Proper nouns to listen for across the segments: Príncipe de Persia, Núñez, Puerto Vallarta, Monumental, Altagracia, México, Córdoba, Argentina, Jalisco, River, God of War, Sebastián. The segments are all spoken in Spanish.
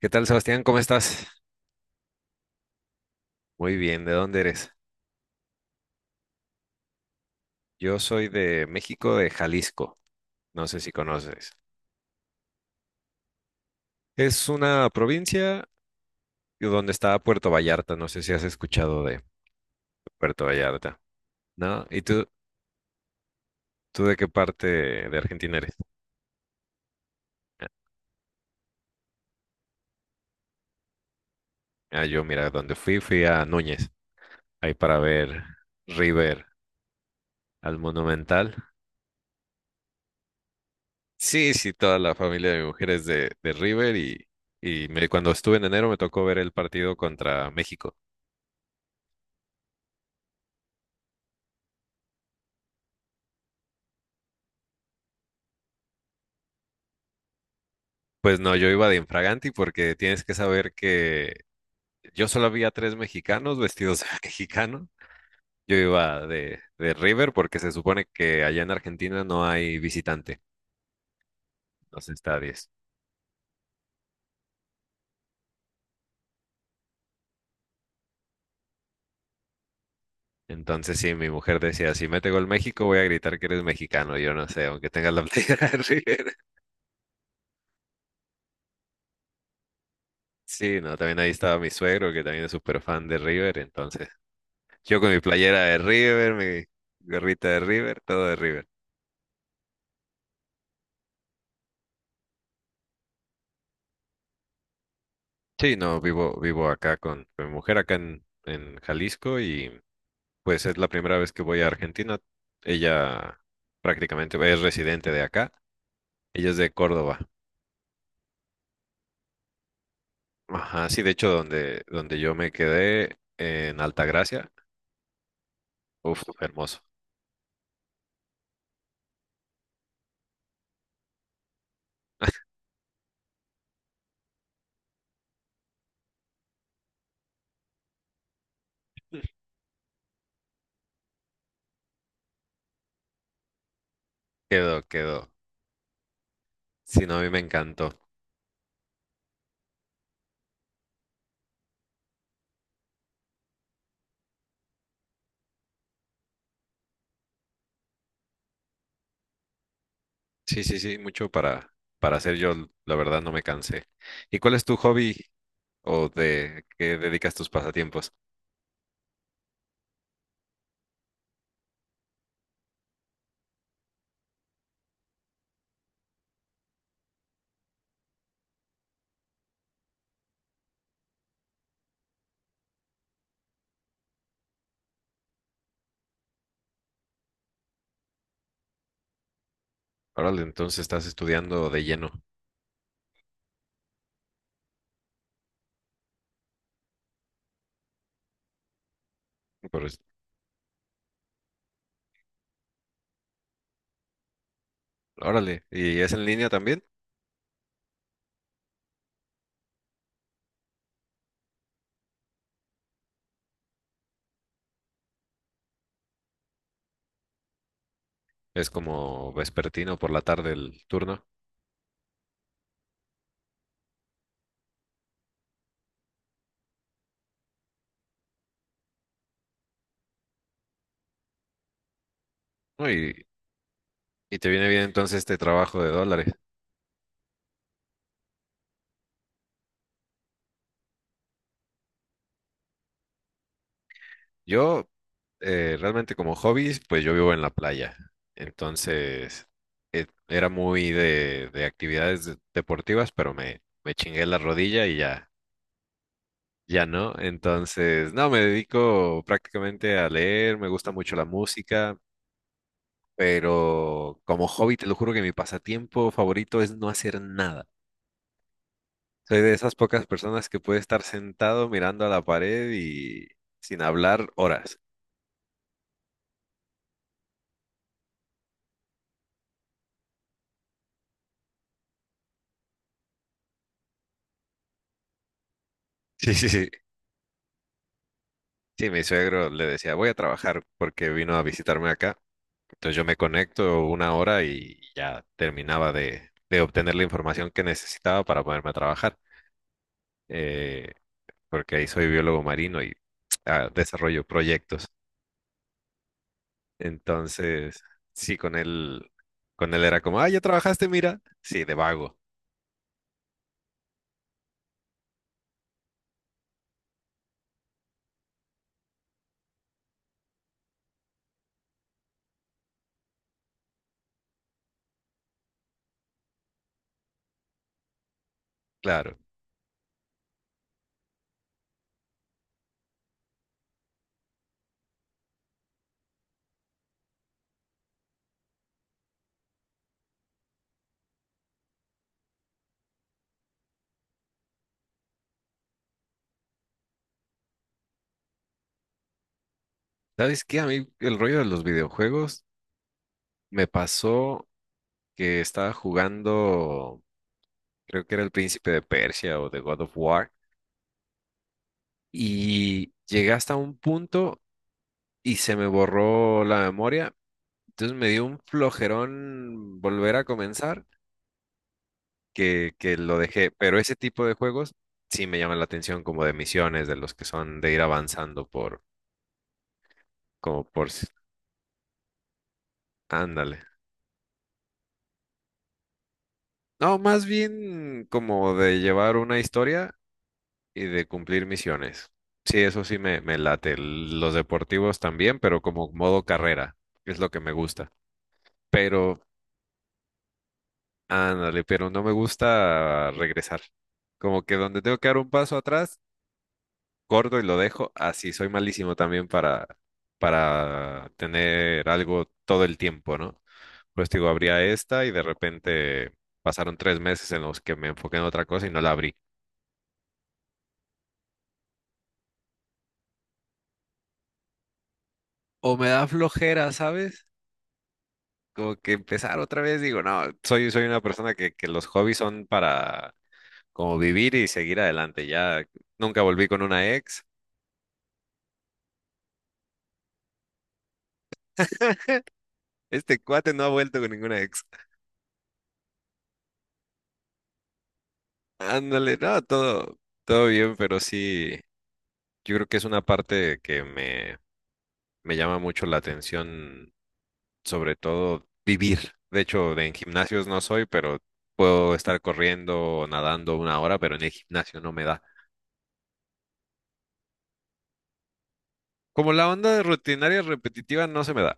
¿Qué tal, Sebastián? ¿Cómo estás? Muy bien, ¿de dónde eres? Yo soy de México, de Jalisco. No sé si conoces. Es una provincia donde está Puerto Vallarta. No sé si has escuchado de Puerto Vallarta, ¿no? ¿Y tú de qué parte de Argentina eres? Ah, yo, mira, donde fui a Núñez, ahí para ver River al Monumental. Sí, sí, toda la familia de mujeres de River y cuando estuve en enero me tocó ver el partido contra México. Pues no, yo iba de infraganti porque tienes que saber que yo solo había tres mexicanos vestidos de mexicano. Yo iba de River porque se supone que allá en Argentina no hay visitante, los estadios. Entonces sí, mi mujer decía, si mete gol México voy a gritar que eres mexicano. Yo no sé, aunque tengas la playera de River. Sí, no, también ahí estaba mi suegro que también es súper fan de River. Entonces yo con mi playera de River, mi gorrita de River, todo de River. Sí, no, vivo, vivo acá con mi mujer, acá en Jalisco, y pues es la primera vez que voy a Argentina. Ella prácticamente es residente de acá. Ella es de Córdoba. Ajá, sí, de hecho, donde yo me quedé en Altagracia, uf, hermoso. Quedó, quedó. Sí, no, a mí me encantó. Sí, sí, sí, mucho para hacer yo, la verdad, no me cansé. ¿Y cuál es tu hobby o de qué dedicas tus pasatiempos? Órale, entonces estás estudiando de lleno. por- Órale, ¿y es en línea también? Es como vespertino por la tarde el turno. ¿No? Y te viene bien entonces este trabajo de dólares. Yo realmente como hobbies, pues yo vivo en la playa. Entonces era muy de, de actividades deportivas, pero me chingué la rodilla y ya, ya no. Entonces, no, me dedico prácticamente a leer, me gusta mucho la música, pero como hobby, te lo juro que mi pasatiempo favorito es no hacer nada. Soy de esas pocas personas que puede estar sentado mirando a la pared y sin hablar horas. Sí, sí, sí. Sí, mi suegro le decía, voy a trabajar porque vino a visitarme acá. Entonces yo me conecto 1 hora y ya terminaba de obtener la información que necesitaba para ponerme a trabajar. Eh, Porque ahí soy biólogo marino y ah, desarrollo proyectos. Entonces, sí, con él era como, ah, ya trabajaste, mira. Sí, de vago, claro. ¿Sabes qué? A mí el rollo de los videojuegos me pasó que estaba jugando, creo que era el Príncipe de Persia o de God of War, y llegué hasta un punto y se me borró la memoria. Entonces me dio un flojerón volver a comenzar que lo dejé. Pero ese tipo de juegos sí me llaman la atención, como de misiones, de los que son de ir avanzando por, como por, ándale. No, más bien como de llevar una historia y de cumplir misiones. Sí, eso sí me late. Los deportivos también, pero como modo carrera, es lo que me gusta. Pero, ándale, pero no me gusta regresar. Como que donde tengo que dar un paso atrás, corto y lo dejo así. Soy malísimo también para tener algo todo el tiempo, ¿no? Pues digo, abría esta y de repente pasaron 3 meses en los que me enfoqué en otra cosa y no la abrí. O me da flojera, ¿sabes? Como que empezar otra vez, digo, no, soy, soy una persona que los hobbies son para como vivir y seguir adelante. Ya nunca volví con una ex. Este cuate no ha vuelto con ninguna ex. Ándale, no, todo, todo bien, pero sí, yo creo que es una parte que me llama mucho la atención, sobre todo vivir. De hecho, en gimnasios no soy, pero puedo estar corriendo o nadando 1 hora, pero en el gimnasio no me da. Como la onda de rutinaria repetitiva no se me da.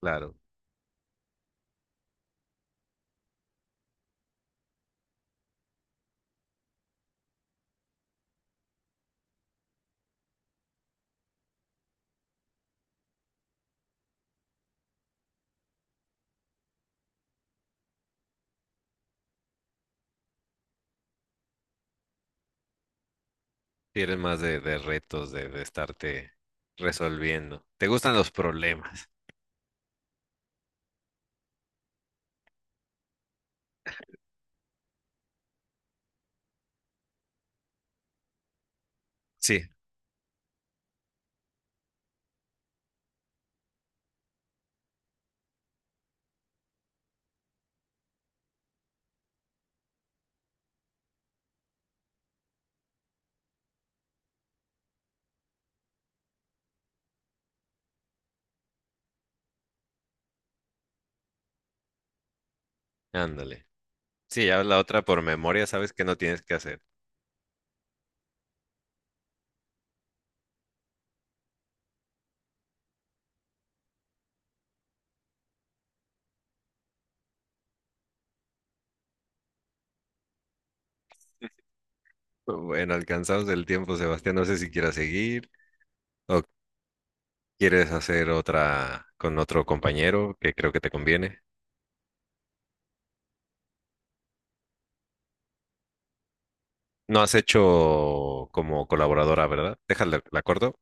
Claro. Sí, eres más de retos, de estarte resolviendo. ¿Te gustan los problemas? Sí, ándale. Sí, ya la otra por memoria, sabes que no tienes que hacer. Bueno, alcanzados del tiempo, Sebastián, no sé si quieras seguir o quieres hacer otra con otro compañero que creo que te conviene. No has hecho como colaboradora, ¿verdad? Déjala, la corto.